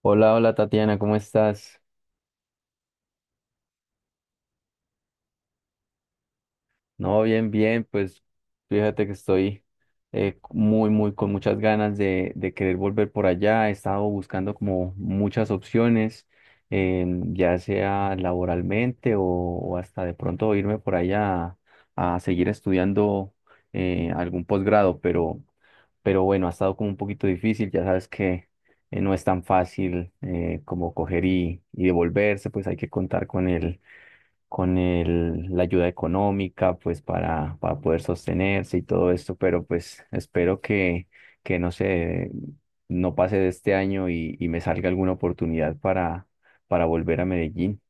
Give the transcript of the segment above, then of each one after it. Hola, hola Tatiana, ¿cómo estás? No, bien, bien, pues fíjate que estoy muy, muy, con muchas ganas de querer volver por allá. He estado buscando como muchas opciones, ya sea laboralmente o hasta de pronto irme por allá a seguir estudiando algún posgrado, pero bueno, ha estado como un poquito difícil, ya sabes que no es tan fácil como coger y devolverse, pues hay que contar con el con la ayuda económica, pues para poder sostenerse y todo esto, pero pues espero que no sé, no pase de este año y me salga alguna oportunidad para volver a Medellín.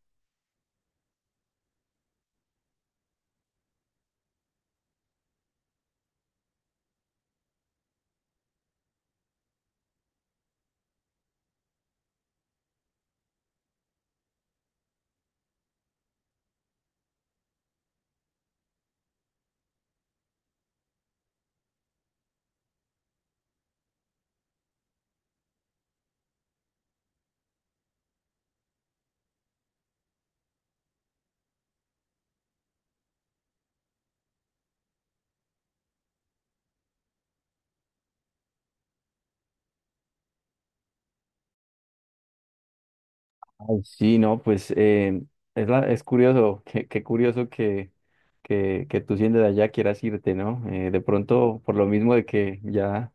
Ay, sí, no, pues es, es curioso, qué, qué curioso que, que tú siendo de allá quieras irte, ¿no? De pronto, por lo mismo de que ya...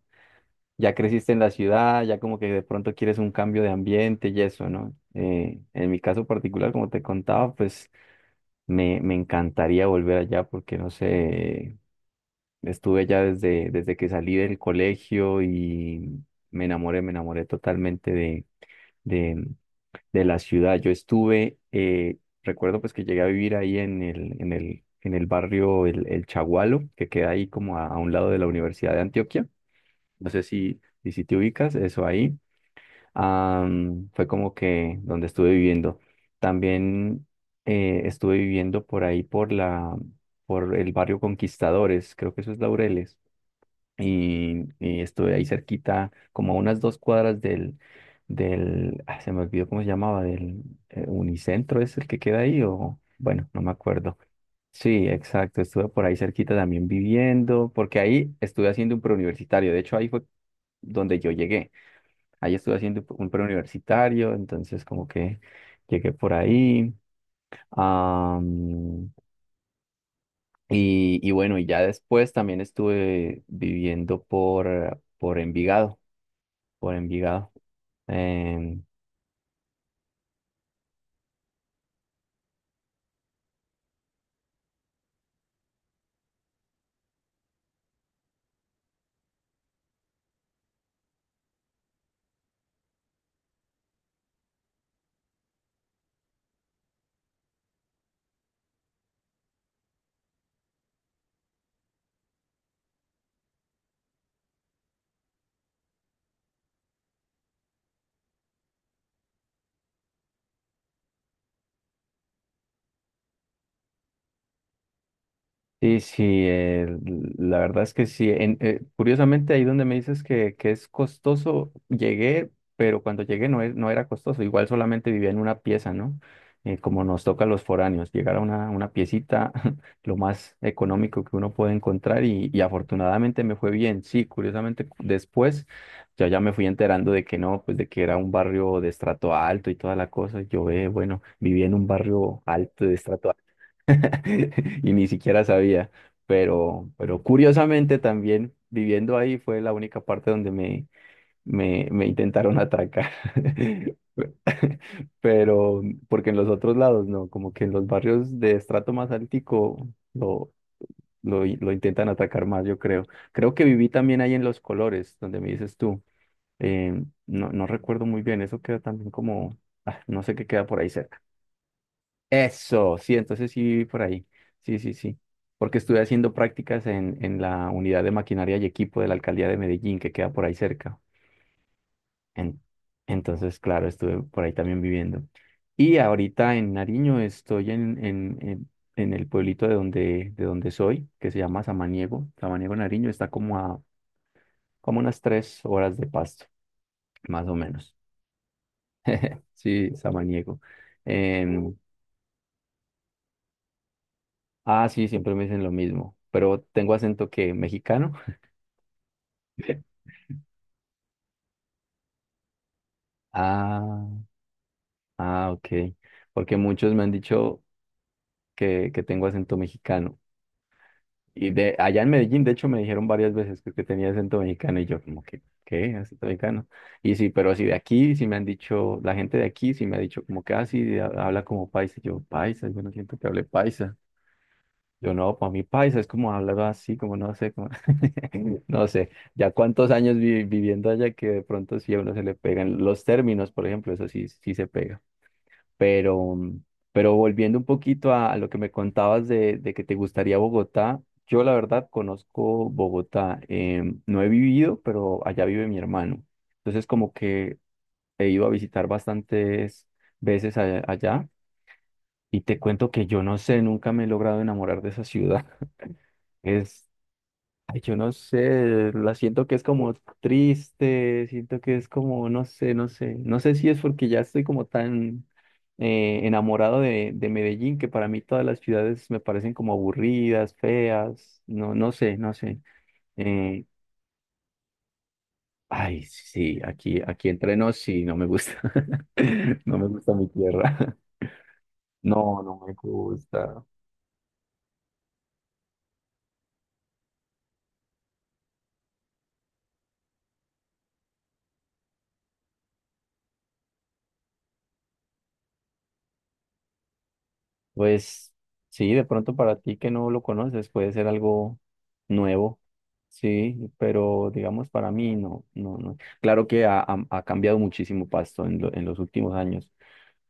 ya creciste en la ciudad, ya como que de pronto quieres un cambio de ambiente y eso, ¿no? En mi caso particular, como te contaba, pues me encantaría volver allá porque, no sé, estuve allá desde, desde que salí del colegio y me enamoré totalmente de, de la ciudad. Yo estuve, recuerdo pues que llegué a vivir ahí en el, en el, en el barrio El Chagualo, que queda ahí como a un lado de la Universidad de Antioquia. No sé si, y si te ubicas, eso ahí. Fue como que donde estuve viviendo. También estuve viviendo por ahí por la, por el barrio Conquistadores, creo que eso es Laureles. Y estuve ahí cerquita, como a unas dos cuadras del, del, ah, se me olvidó cómo se llamaba, del Unicentro, es el que queda ahí, o bueno, no me acuerdo. Sí, exacto, estuve por ahí cerquita también viviendo, porque ahí estuve haciendo un preuniversitario, de hecho ahí fue donde yo llegué. Ahí estuve haciendo un preuniversitario, entonces como que llegué por ahí. Am, y bueno, y ya después también estuve viviendo por Envigado, por Envigado. em, Sí, sí, la verdad es que sí. Curiosamente, ahí donde me dices que es costoso, llegué, pero cuando llegué no, no era costoso. Igual solamente vivía en una pieza, ¿no? Como nos toca a los foráneos, llegar a una piecita, lo más económico que uno puede encontrar y afortunadamente me fue bien. Sí, curiosamente después ya, ya me fui enterando de que no, pues de que era un barrio de estrato alto y toda la cosa. Yo, bueno, viví en un barrio alto de estrato y ni siquiera sabía, pero curiosamente también viviendo ahí fue la única parte donde me intentaron atracar. Pero, porque en los otros lados no, como que en los barrios de estrato más altico lo, lo intentan atacar más, yo creo. Creo que viví también ahí en Los Colores, donde me dices tú. No, no recuerdo muy bien, eso queda también como, ah, no sé qué queda por ahí eso, sí, entonces sí viví por ahí. Sí, sí, sí. Porque estuve haciendo prácticas en la unidad de maquinaria y equipo de la alcaldía de Medellín, que queda por ahí cerca. En- entonces, claro, estuve por ahí también viviendo. Y ahorita en Nariño estoy en el pueblito de donde soy, que se llama Samaniego. Samaniego Nariño está como a como unas tres horas de Pasto, más o menos. Sí, Samaniego. Em, ah, sí, siempre me dicen lo mismo, pero tengo acento que mexicano. Ah, ah, ok. Porque muchos me han dicho que tengo acento mexicano. Y de allá en Medellín, de hecho, me dijeron varias veces que tenía acento mexicano y yo como que, ¿qué? ¿Acento mexicano? Y sí, pero sí de aquí, sí me han dicho, la gente de aquí sí me ha dicho como que, ah, sí, habla como paisa. Y yo, paisa, yo no siento que hable paisa. Yo no, para mí paisa es como hablar así, como no sé, como... no sé. Ya cuántos años viviendo allá que de pronto sí a uno se le pegan los términos, por ejemplo, eso sí, sí se pega. Pero, pero volviendo un poquito a lo que me contabas de que te gustaría Bogotá, yo la verdad conozco Bogotá. No he vivido, pero allá vive mi hermano. Entonces como que he ido a visitar bastantes veces allá y te cuento que yo no sé, nunca me he logrado enamorar de esa ciudad. Es ay, yo no sé, la siento que es como triste, siento que es como, no sé, no sé, no sé si es porque ya estoy como tan enamorado de Medellín que para mí todas las ciudades me parecen como aburridas, feas, no, no sé, no sé. Eh, ay, sí, aquí, aquí entre nos sí, no me gusta, no me gusta mi tierra, no, no me gusta. Pues sí, de pronto para ti que no lo conoces puede ser algo nuevo, sí, pero digamos para mí no, no, no. Claro que ha, ha cambiado muchísimo Pasto en, en los últimos años.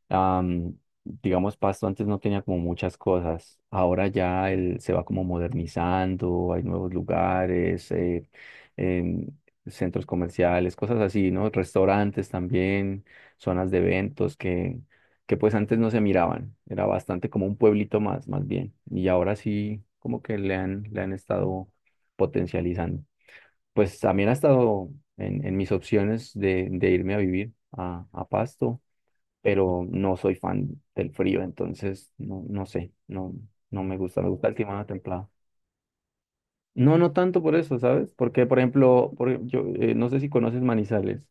Am, digamos, Pasto antes no tenía como muchas cosas. Ahora ya él se va como modernizando, hay nuevos lugares, em, centros comerciales, cosas así, ¿no? Restaurantes también, zonas de eventos que pues antes no se miraban. Era bastante como un pueblito más, más bien. Y ahora sí, como que le han estado potencializando. Pues también ha estado en mis opciones de irme a vivir a Pasto pero no soy fan del frío, entonces no, no sé, no, no me gusta, me gusta el clima templado. No, no tanto por eso, ¿sabes? Porque, por ejemplo, yo, no sé si conoces Manizales.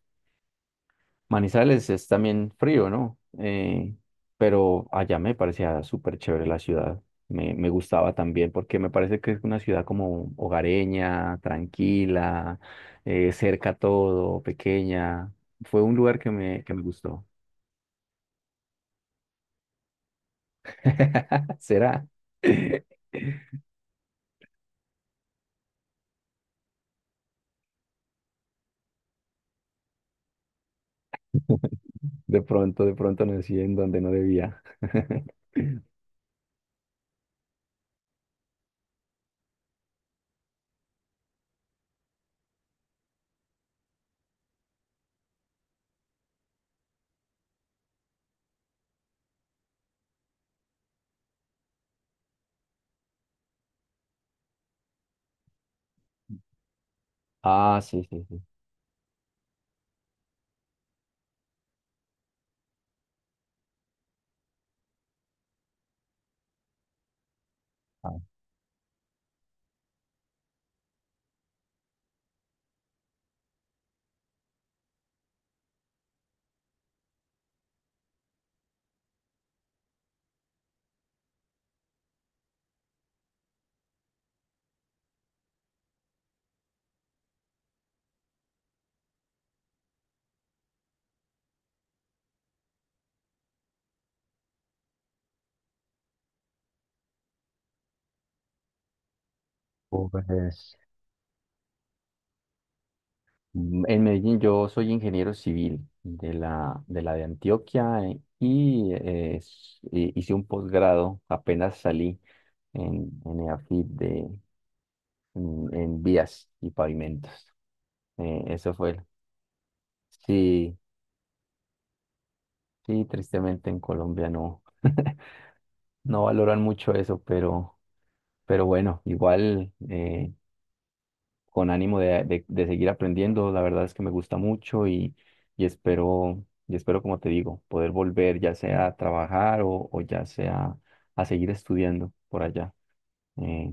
Manizales es también frío, ¿no? Pero allá me parecía súper chévere la ciudad. Me gustaba también porque me parece que es una ciudad como hogareña, tranquila, cerca todo, pequeña. Fue un lugar que me gustó. ¿Será? De pronto nací en donde no debía. Ah, sí, sí, sí. Ah, pues, en Medellín yo soy ingeniero civil de la de, la de Antioquia y hice un posgrado, apenas salí en EAFIT de, en vías y pavimentos. Eso fue. Sí, sí, tristemente en Colombia no, no valoran mucho eso, pero bueno, igual. Con ánimo de, de seguir aprendiendo. La verdad es que me gusta mucho y espero, como te digo, poder volver ya sea a trabajar o ya sea a seguir estudiando por allá. Eh,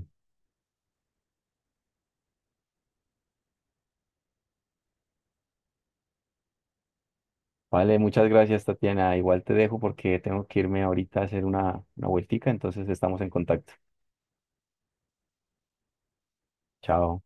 vale, muchas gracias, Tatiana. Igual te dejo porque tengo que irme ahorita a hacer una vueltica, entonces estamos en contacto. Chao.